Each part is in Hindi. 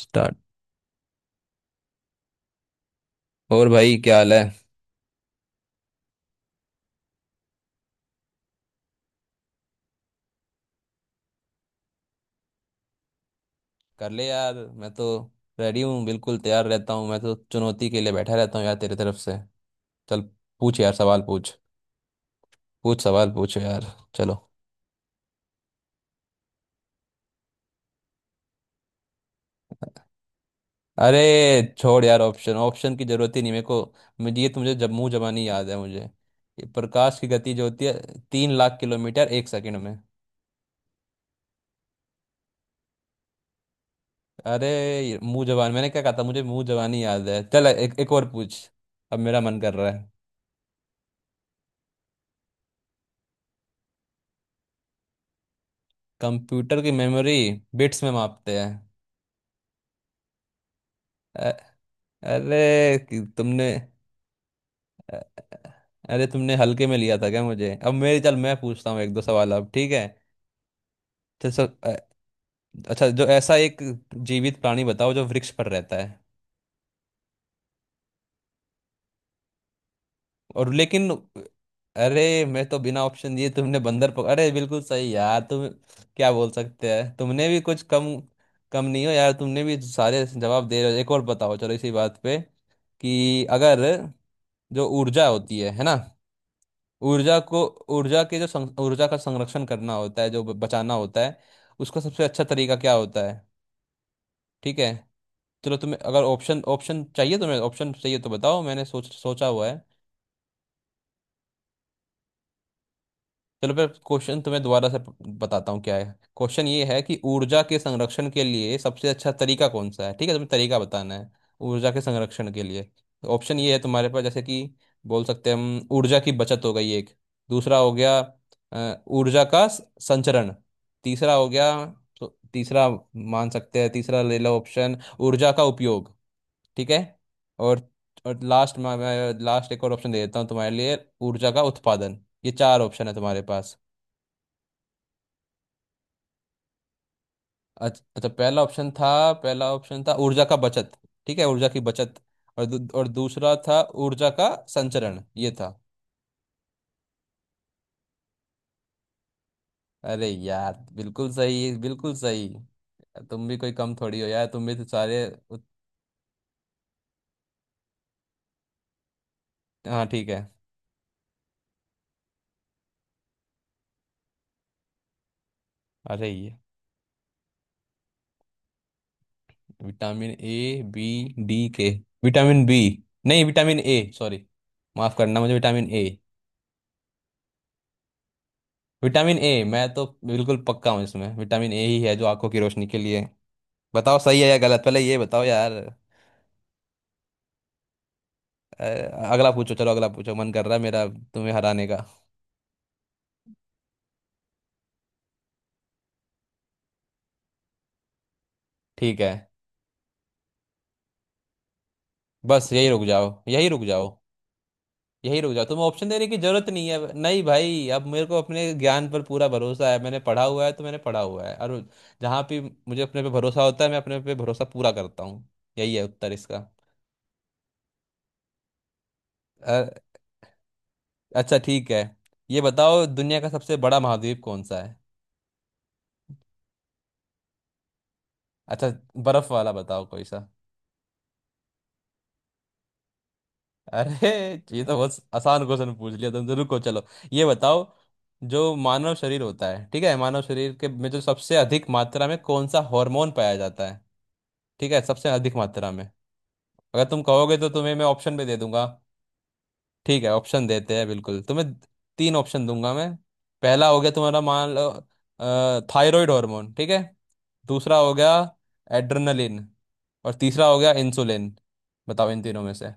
स्टार्ट। और भाई क्या हाल है? कर ले यार, मैं तो रेडी हूँ, बिल्कुल तैयार रहता हूँ, मैं तो चुनौती के लिए बैठा रहता हूँ यार तेरी तरफ से। चल, पूछ यार सवाल पूछ पूछ सवाल पूछ यार चलो। अरे छोड़ यार, ऑप्शन ऑप्शन की जरूरत ही नहीं मेरे को। मुझे ये तो मुझे जब मुंह जबानी याद है मुझे। ये प्रकाश की गति जो होती है, 3 लाख किलोमीटर 1 सेकंड में। अरे, ये मुंह जबान, मैंने क्या कहा था? मुझे मुंह जबानी याद है। चल एक एक और पूछ, अब मेरा मन कर रहा है। कंप्यूटर की मेमोरी बिट्स में मापते हैं। अरे कि तुमने, अरे तुमने हल्के में लिया था क्या मुझे? अब मेरी, चल मैं पूछता हूँ एक दो सवाल अब, ठीक है। चल सर, अच्छा, जो ऐसा एक जीवित प्राणी बताओ जो वृक्ष पर रहता है। और लेकिन, अरे मैं तो बिना ऑप्शन दिए तुमने बंदर पक... अरे बिल्कुल सही यार तुम। क्या बोल सकते हैं, तुमने भी कुछ कम कम नहीं हो यार, तुमने भी सारे जवाब दे रहे हो। एक और बताओ चलो इसी बात पे, कि अगर जो ऊर्जा होती है ना, ऊर्जा को, ऊर्जा के जो सं- ऊर्जा का संरक्षण करना होता है, जो बचाना होता है, उसका सबसे अच्छा तरीका क्या होता है? ठीक है चलो, तुम्हें अगर ऑप्शन ऑप्शन चाहिए, तुम्हें ऑप्शन चाहिए तो बताओ, मैंने सोचा हुआ है। चलो फिर क्वेश्चन तुम्हें दोबारा से बताता हूँ क्या है। क्वेश्चन ये है कि ऊर्जा के संरक्षण के लिए सबसे अच्छा तरीका कौन सा है, ठीक है, तुम्हें तरीका बताना है, ऊर्जा के संरक्षण के लिए। ऑप्शन ये है तुम्हारे पास, जैसे कि बोल सकते हैं, हम, ऊर्जा की बचत हो गई एक, दूसरा हो गया ऊर्जा का संचरण, तीसरा हो गया। तो तीसरा मान सकते हैं, तीसरा ले लो ऑप्शन, ऊर्जा का उपयोग, ठीक है। और और लास्ट, मैं लास्ट एक और ऑप्शन दे देता हूँ तुम्हारे लिए, ऊर्जा का उत्पादन। ये चार ऑप्शन है तुम्हारे पास। अच्छा अच्छा, पहला ऑप्शन था, पहला ऑप्शन था ऊर्जा का बचत, ठीक है, ऊर्जा की बचत। और दूसरा था ऊर्जा का संचरण, ये था। अरे यार बिल्कुल सही, बिल्कुल सही। तुम भी कोई कम थोड़ी हो यार, तुम भी तो सारे हाँ ठीक है। अरे ये विटामिन ए, बी, डी, के। विटामिन बी, नहीं विटामिन ए, सॉरी, माफ करना मुझे, विटामिन ए। विटामिन ए, मैं तो बिल्कुल पक्का हूँ इसमें, विटामिन ए ही है जो आंखों की रोशनी के लिए। बताओ सही है या गलत, पहले ये बताओ यार। अ, अगला पूछो, चलो अगला पूछो, मन कर रहा है मेरा तुम्हें हराने का। ठीक है, बस यही रुक जाओ, यही रुक जाओ, यही रुक जाओ, तुम्हें ऑप्शन देने की जरूरत नहीं है। नहीं भाई, अब मेरे को अपने ज्ञान पर पूरा भरोसा है, मैंने पढ़ा हुआ है तो मैंने पढ़ा हुआ है। और जहाँ पे मुझे अपने पे भरोसा होता है, मैं अपने पे भरोसा पूरा करता हूँ। यही है उत्तर इसका। अ, अच्छा ठीक है, ये बताओ, दुनिया का सबसे बड़ा महाद्वीप कौन सा है? अच्छा, बर्फ वाला बताओ कोई सा। अरे ये तो बहुत आसान क्वेश्चन पूछ लिया तुम जरूर को। चलो ये बताओ, जो मानव शरीर होता है ठीक है, मानव शरीर के में जो सबसे अधिक मात्रा में कौन सा हार्मोन पाया जाता है? ठीक है, सबसे अधिक मात्रा में। अगर तुम कहोगे तो तुम्हें मैं ऑप्शन भी दे दूंगा। ठीक है, ऑप्शन देते हैं बिल्कुल तुम्हें, तीन ऑप्शन दूंगा मैं। पहला हो गया तुम्हारा, मान लो, थायराइड हार्मोन, ठीक है। दूसरा हो गया, एड्रेनलिन। और तीसरा हो गया, इंसुलिन। बताओ इन तीनों में से।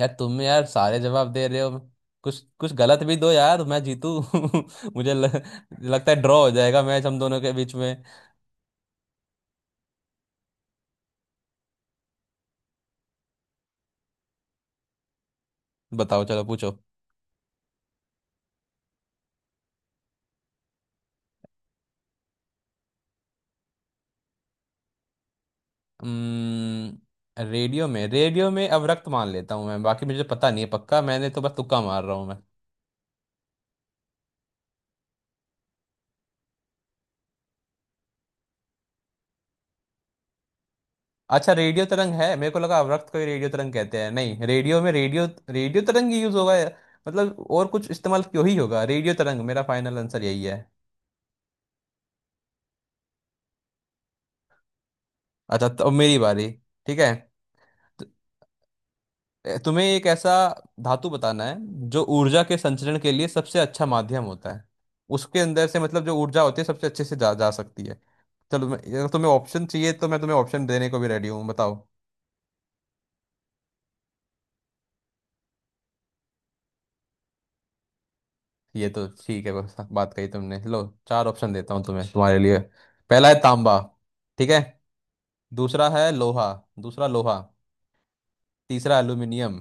यार तुम यार, सारे जवाब दे रहे हो, कुछ कुछ गलत भी दो यार, मैं जीतू। मुझे लगता है ड्रॉ हो जाएगा मैच हम दोनों के बीच में। बताओ, चलो पूछो। रेडियो में, रेडियो में अब रक्त मान लेता हूँ मैं, बाकी मुझे पता नहीं है पक्का, मैंने तो बस तुक्का मार रहा हूँ मैं। अच्छा, रेडियो तरंग है, मेरे को लगा अवरक्त को ही रेडियो तरंग कहते हैं। नहीं रेडियो में, रेडियो रेडियो तरंग ही यूज होगा यार। मतलब और कुछ इस्तेमाल क्यों ही होगा, रेडियो तरंग मेरा फाइनल आंसर यही है। अच्छा तो अब मेरी बारी, ठीक है। ए, तुम्हें एक ऐसा धातु बताना है, जो ऊर्जा के संचरण के लिए सबसे अच्छा माध्यम होता है। उसके अंदर से मतलब जो ऊर्जा होती है सबसे अच्छे से जा जा सकती है। चलो, मैं अगर तुम्हें ऑप्शन चाहिए तो मैं तुम्हें ऑप्शन देने को भी रेडी हूँ, बताओ। ये तो ठीक है, बस बात कही तुमने, लो चार ऑप्शन देता हूँ तुम्हें तुम्हारे लिए। पहला है तांबा, ठीक है। दूसरा है लोहा, दूसरा लोहा। तीसरा एल्यूमिनियम,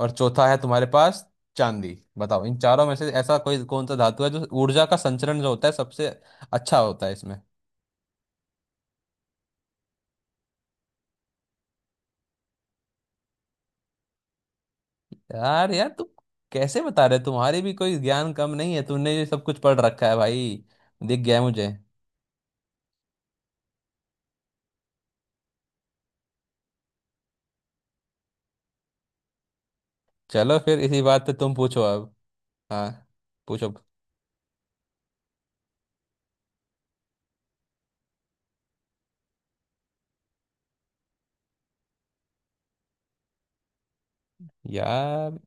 और चौथा है तुम्हारे पास चांदी। बताओ इन चारों में से ऐसा कोई कौन सा धातु है, जो ऊर्जा का संचरण जो होता है सबसे अच्छा होता है इसमें। यार यार तू कैसे बता रहे, तुम्हारी भी कोई ज्ञान कम नहीं है, तुमने ये सब कुछ पढ़ रखा है भाई, दिख गया है मुझे। चलो फिर इसी बात पे तुम पूछो अब। हाँ पूछो। यार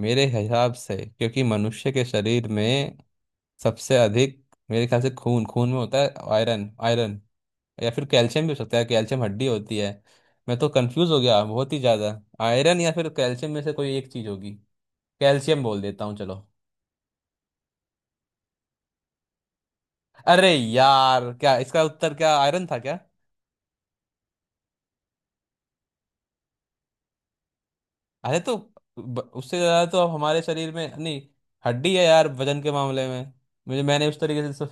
मेरे हिसाब से, क्योंकि मनुष्य के शरीर में सबसे अधिक, मेरे ख्याल से खून, खून में होता है आयरन आयरन या फिर कैल्शियम भी हो सकता है, कैल्शियम हड्डी होती है। मैं तो कंफ्यूज हो गया बहुत ही ज्यादा, आयरन या फिर कैल्शियम में से कोई एक चीज होगी। कैल्शियम बोल देता हूँ चलो। अरे यार, क्या इसका उत्तर क्या आयरन था क्या? अरे तो उससे ज्यादा तो अब हमारे शरीर में नहीं, हड्डी है यार वजन के मामले में। मुझे मैंने उस तरीके से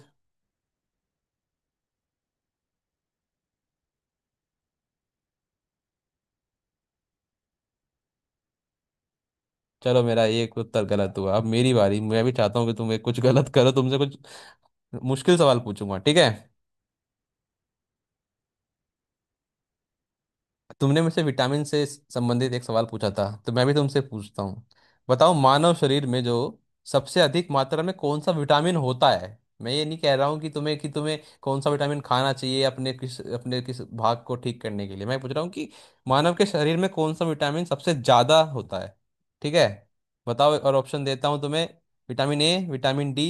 चलो मेरा ये एक उत्तर गलत हुआ, अब मेरी बारी, मैं भी चाहता हूँ कि तुम एक कुछ गलत करो, तुमसे कुछ मुश्किल सवाल पूछूंगा, ठीक है। तुमने मुझसे विटामिन से संबंधित एक सवाल पूछा था, तो मैं भी तुमसे पूछता हूँ, बताओ, मानव शरीर में जो सबसे अधिक मात्रा में कौन सा विटामिन होता है। मैं ये नहीं कह रहा हूँ कि तुम्हें कौन सा विटामिन खाना चाहिए, अपने किस भाग को ठीक करने के लिए। मैं पूछ रहा हूँ कि मानव के शरीर में कौन सा विटामिन सबसे ज़्यादा होता है, ठीक है। बताओ, और ऑप्शन देता हूँ तुम्हें, विटामिन ए, विटामिन डी,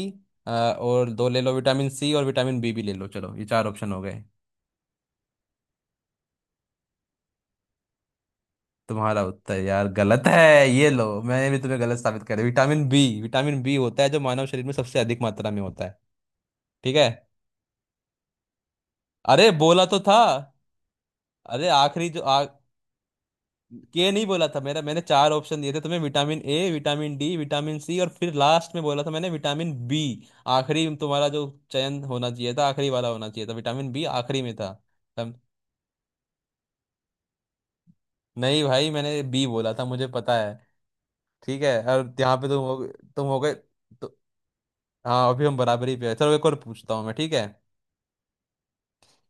और दो ले लो विटामिन सी और विटामिन बी भी ले लो, चलो ये चार ऑप्शन हो गए। तुम्हारा उत्तर यार गलत है। ये लो, मैंने भी तुम्हें गलत साबित कर, विटामिन बी, विटामिन बी होता है जो मानव शरीर में सबसे अधिक मात्रा में होता है, ठीक है। अरे बोला तो था। अरे आखिरी जो के नहीं बोला था मेरा, मैंने चार ऑप्शन दिए थे तुम्हें, vitamin A, vitamin D, vitamin C और फिर लास्ट में बोला था मैंने विटामिन बी। आखिरी तुम्हारा जो चयन होना चाहिए था, आखिरी वाला होना चाहिए था, विटामिन बी आखिरी में था। तम, नहीं भाई, मैंने बी बोला था, मुझे पता है। ठीक है, और यहाँ पे तुम हो, तुम हो गए तो। हाँ अभी हम बराबरी पे हैं। चलो एक और पूछता हूँ मैं, ठीक है।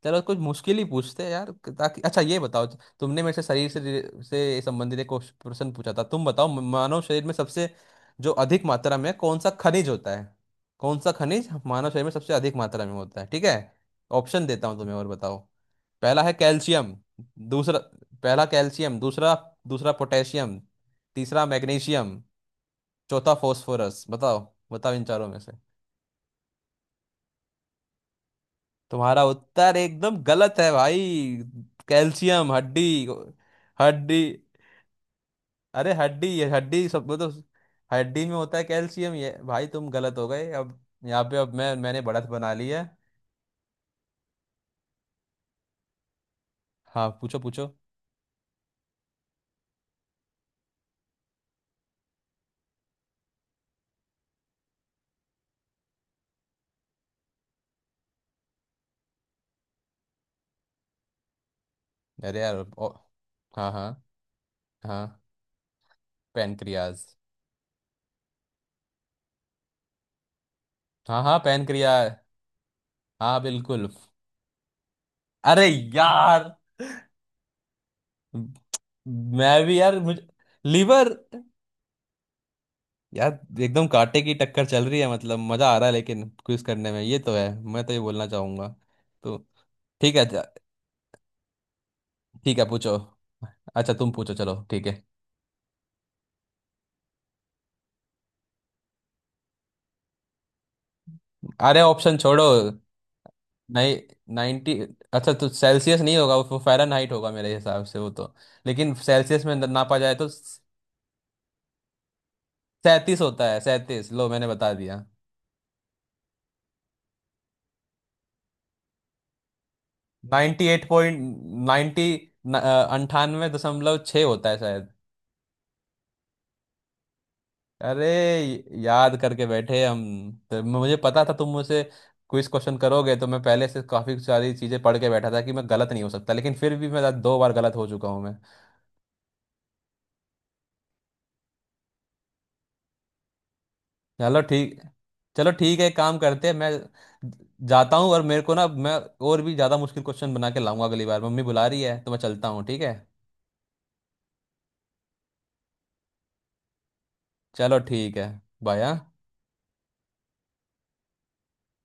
चलो कुछ मुश्किल ही पूछते हैं यार, ताकि, अच्छा ये बताओ, तुमने मेरे से शरीर से से संबंधित एक प्रश्न पूछा था, तुम बताओ, मानव शरीर में सबसे जो अधिक मात्रा में कौन सा खनिज होता है। कौन सा खनिज मानव शरीर में सबसे अधिक मात्रा में होता है, ठीक है, ऑप्शन देता हूँ तुम्हें और बताओ। पहला है कैल्शियम, दूसरा, पहला कैल्शियम, दूसरा, दूसरा पोटेशियम, तीसरा मैग्नीशियम, चौथा फॉस्फोरस, बताओ, बताओ इन चारों में। तुम्हारा उत्तर एकदम गलत है भाई, कैल्शियम, हड्डी, हड्डी। अरे हड्डी, ये हड्डी सब वो तो हड्डी में होता है कैल्शियम। ये भाई तुम गलत हो गए अब, यहाँ पे अब मैं, मैंने बढ़त बना ली है। हाँ पूछो पूछो। अरे यार, हाँ हाँ, हाँ पैनक्रियाज। हाँ हाँ पैनक्रिया। हाँ बिल्कुल। अरे यार, मैं भी यार, मुझे लीवर। यार एकदम कांटे की टक्कर चल रही है, मतलब मजा आ रहा है लेकिन क्विज करने में, ये तो है, मैं तो ये बोलना चाहूंगा तो। ठीक है अच्छा। ठीक है पूछो। अच्छा तुम पूछो, चलो ठीक है। अरे ऑप्शन छोड़ो। नहीं, 90, अच्छा तो सेल्सियस नहीं होगा, वो फ़ारेनहाइट होगा मेरे हिसाब से वो तो, लेकिन सेल्सियस में नापा जाए तो 37 होता है, 37, लो मैंने बता दिया। 98 पॉइंट, 90 98.6 होता है शायद। अरे याद करके बैठे हम तो, मुझे पता था तुम मुझसे क्विज क्वेश्चन करोगे तो मैं पहले से काफ़ी सारी चीज़ें पढ़ के बैठा था कि मैं गलत नहीं हो सकता, लेकिन फिर भी मैं दो बार गलत हो चुका हूँ मैं। चलो ठीक, चलो ठीक है, एक काम करते हैं, मैं जाता हूँ, और मेरे को ना, मैं और भी ज़्यादा मुश्किल क्वेश्चन बना के लाऊंगा अगली बार, मम्मी बुला रही है तो मैं चलता हूँ, ठीक है। चलो ठीक है, बाय।